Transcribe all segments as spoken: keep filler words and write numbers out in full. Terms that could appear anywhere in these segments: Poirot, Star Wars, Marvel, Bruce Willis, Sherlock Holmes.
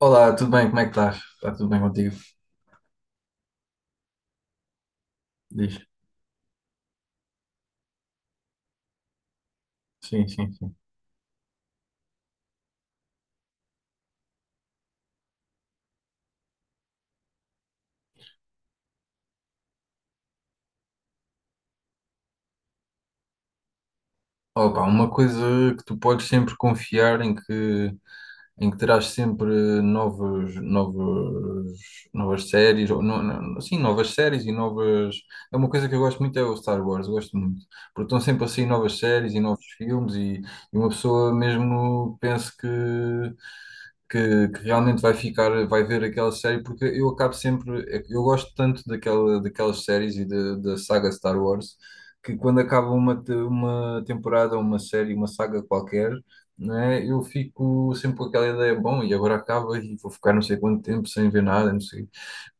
Olá, tudo bem? Como é que estás? Está tudo bem contigo? Diz. Sim, sim, sim. Opa, uma coisa que tu podes sempre confiar em que, em que terás sempre novos, novos, novas séries, ou no- no- sim, novas séries e novas. É uma coisa que eu gosto muito, é o Star Wars, eu gosto muito, porque estão sempre a sair novas séries e novos filmes e, e uma pessoa mesmo pensa que, que, que realmente vai ficar, vai ver aquela série, porque eu acabo sempre, eu gosto tanto daquela, daquelas séries e da da saga Star Wars que quando acaba uma, te- uma temporada, uma série, uma saga qualquer, né, eu fico sempre com aquela ideia, bom, e agora acaba e vou ficar não sei quanto tempo sem ver nada, não sei.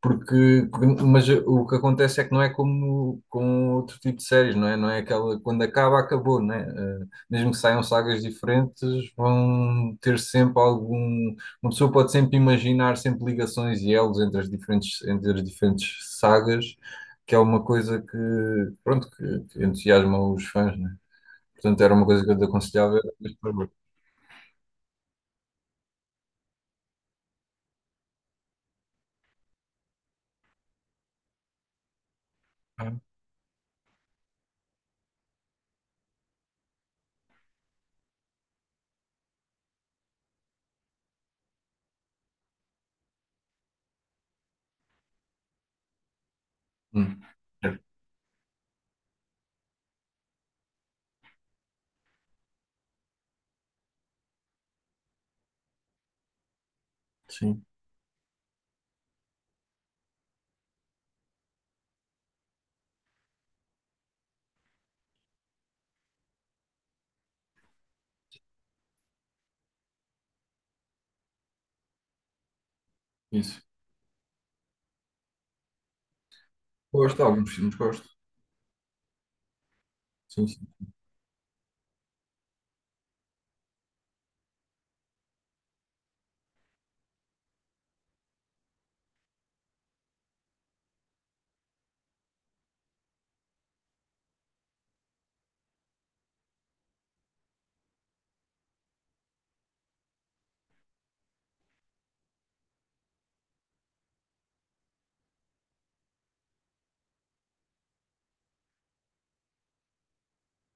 Porque, porque- mas o que acontece é que não é como com outro tipo de séries, não é? Não é aquela, quando acaba, acabou, não é? Eh, mesmo que saiam sagas diferentes, vão ter sempre algum. Uma pessoa pode sempre imaginar sempre ligações e elos entre as diferentes, entre as diferentes sagas, que é uma coisa que, pronto, que, que entusiasma os fãs, não é? Portanto, era uma coisa que eu te aconselhava. Era este favor. Ah, hum, certo. Sim, isso. Gosto de alguns filmes, gosto. Sim, sim,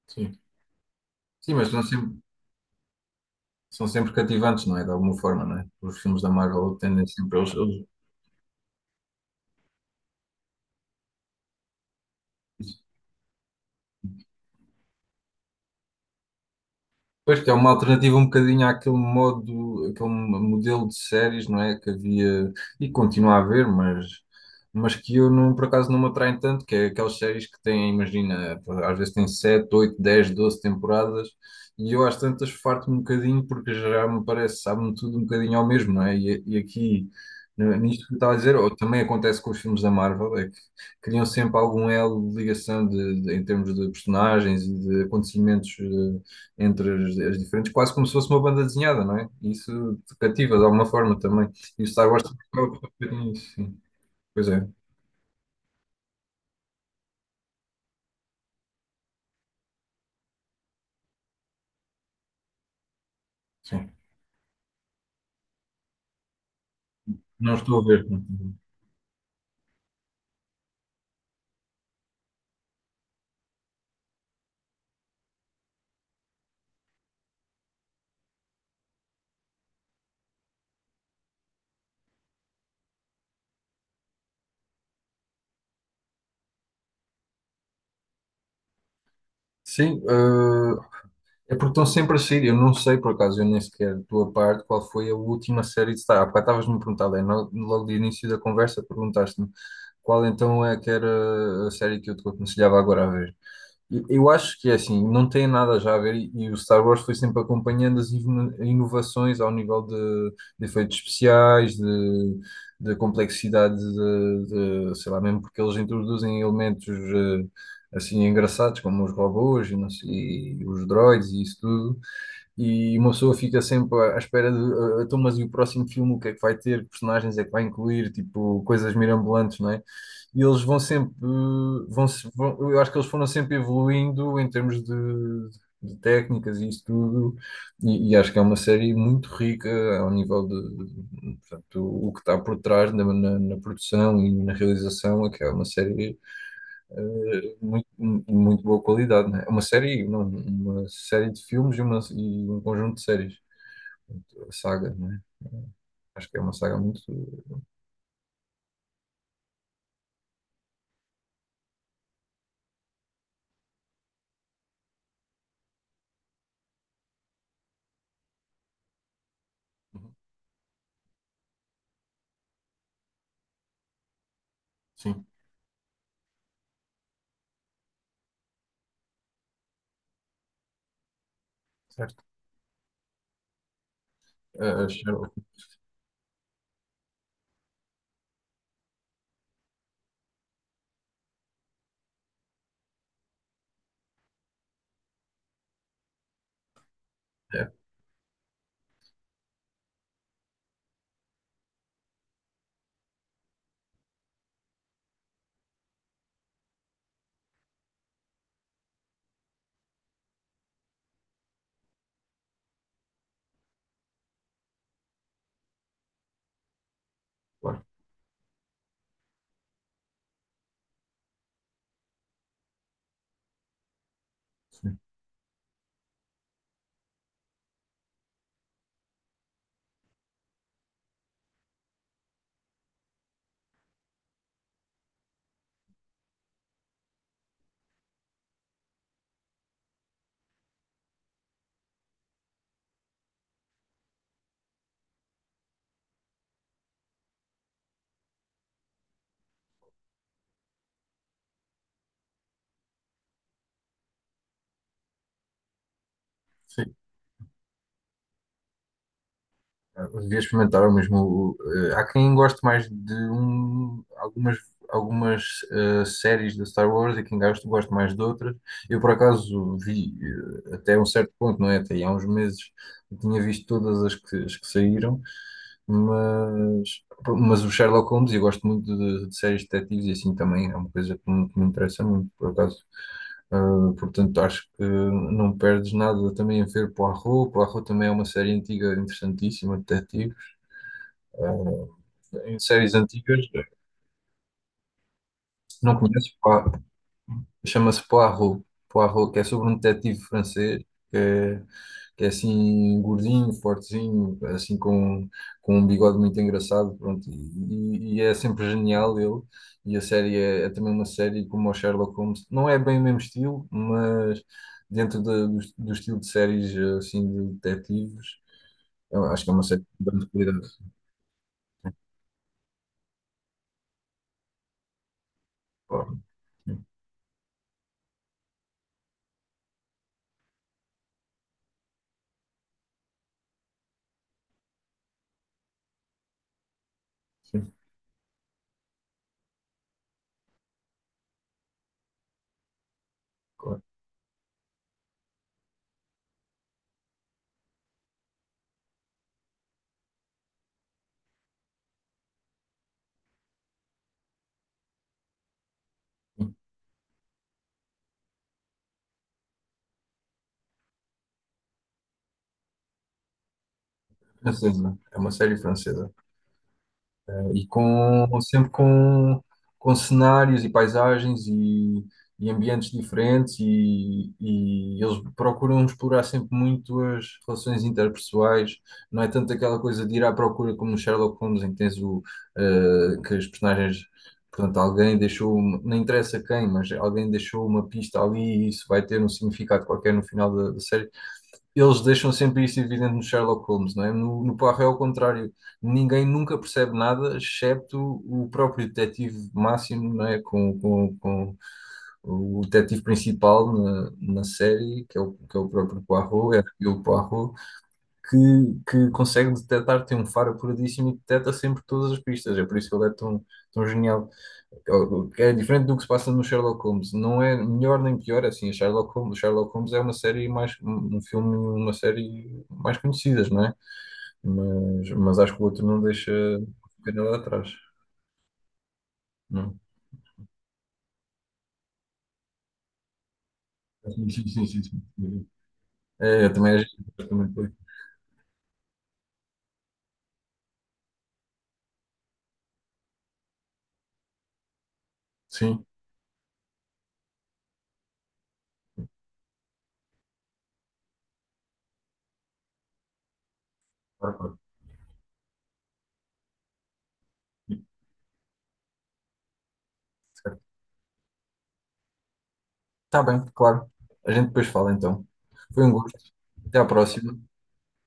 sim. Sim, mas não sempre. São sempre cativantes, não é? De alguma forma, não é? Os filmes da Marvel tendem sempre, eles, eles Pois que é uma alternativa um bocadinho àquele modo, aquele modelo de séries, não é? Que havia e continua a haver, mas, mas que eu não, por acaso não me atraem tanto, que é aquelas séries que têm, imagina, às vezes têm sete oito dez doze temporadas e eu às tantas farto-me um bocadinho porque já me parece, sabe-me tudo um bocadinho ao mesmo, não é? E, e aqui, n- nisto que eu estava a dizer, ou também acontece com os filmes da Marvel, é que criam sempre algum elo de ligação de, de- em termos de personagens e de acontecimentos. Eh, entre as, as diferentes, quase como se fosse uma banda desenhada, não é? E isso te cativa de alguma forma também. E o Star Wars também acaba por ter feito nisso, sim. Pois é, sim. Não estou a ver. Sim, eh, é porque estão sempre a sair. Eu não sei, por acaso, eu nem sequer, da tua parte, qual foi a última série de Star Wars. Há bocado estavas-me a perguntar, Lé, no- logo de início da conversa, perguntaste-me qual então é que era a série que eu te aconselhava agora a ver. E- Eu acho que é assim, não tem nada já a ver, e, e o Star Wars foi sempre acompanhando as ino- inovações ao nível de, de efeitos especiais, de, de complexidade, de, de- sei lá, mesmo porque eles introduzem elementos eh, assim engraçados, como os robôs e, não sei- e os droids e isso tudo, e uma pessoa fica sempre à espera de ah, ah, então, mas e o próximo filme, o que é que vai ter, que personagens é que vai incluir, tipo, coisas mirabolantes, não é? E eles vão sempre, eh, vão, se- vão- eu acho que eles foram sempre evoluindo em termos de, de técnicas e isso tudo, e, e acho que é uma série muito rica ao nível de, de- portanto, o que está por trás na, na- na produção e na realização, é que é uma série eh, muito, muito boa qualidade, né? É uma série, não, uma série de filmes e, uma, e um conjunto de séries. Portanto, a saga, né? Acho que é uma saga muito. Sim, certo. Eh, Sherlock, é, claro, sim. Sim. Devia experimentar o mesmo. eh, Há quem goste mais de um, algumas, algumas eh, séries da Star Wars e quem gosta, gosta mais de outras. Eu, por acaso, vi eh, até um certo ponto, não é? Até aí há uns meses eu tinha visto todas as que, as que saíram, mas, mas o Sherlock Holmes, eu gosto muito de, de séries de detetives e assim também é uma coisa que me, que me interessa muito, por acaso. Uh, portanto, acho que não perdes nada também a ver Poirot. Poirot também é uma série antiga interessantíssima, de detetives. Uh, Em séries antigas, não conheces, chama-se Poirot. Poirot, que é sobre um detetive francês, que é, que é assim gordinho, fortezinho, assim com, com um bigode muito engraçado, pronto, e, e é sempre genial ele. E a série é, é também uma série como o Sherlock Holmes, não é bem o mesmo estilo, mas dentro da- do, do estilo de séries assim de detetives, eu acho que é uma série de grande qualidade. Claro. Sim, claro. Francesa, é uma série francesa. E com sempre com, com cenários e paisagens e, e ambientes diferentes e, e eles procuram explorar sempre muito as relações interpessoais. Não é tanto aquela coisa de ir à procura como no Sherlock Holmes, em que tens o eh, que as personagens. Portanto, alguém deixou, uma- não interessa quem, mas alguém deixou uma pista ali e isso vai ter um significado qualquer no final da, da série. Eles deixam sempre isso evidente no Sherlock Holmes, não é? No, no Poirot é o contrário. Ninguém nunca percebe nada, excepto o próprio detetive máximo, não é? Com, com, com o detetive principal na, na série, que é o, que é o próprio Poirot, é o Poirot, que, que consegue detectar, tem um faro apuradíssimo e detecta sempre todas as pistas. É por isso que ele é tão, tão genial. É diferente do que se passa no Sherlock Holmes. Não é melhor nem pior, é assim, a Sherlock Holmes, o Sherlock Holmes é uma série mais, um um filme, uma série mais conhecidas, não é? Mas, mas acho que o outro não deixa ficar nada atrás, não. Sim, sim, sim, sim, sim. É, eu também, eu também fui. Sim, claro, claro. Está bem, claro. A gente depois fala então. Foi um gosto. Até à próxima.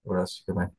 Um abraço, fica bem.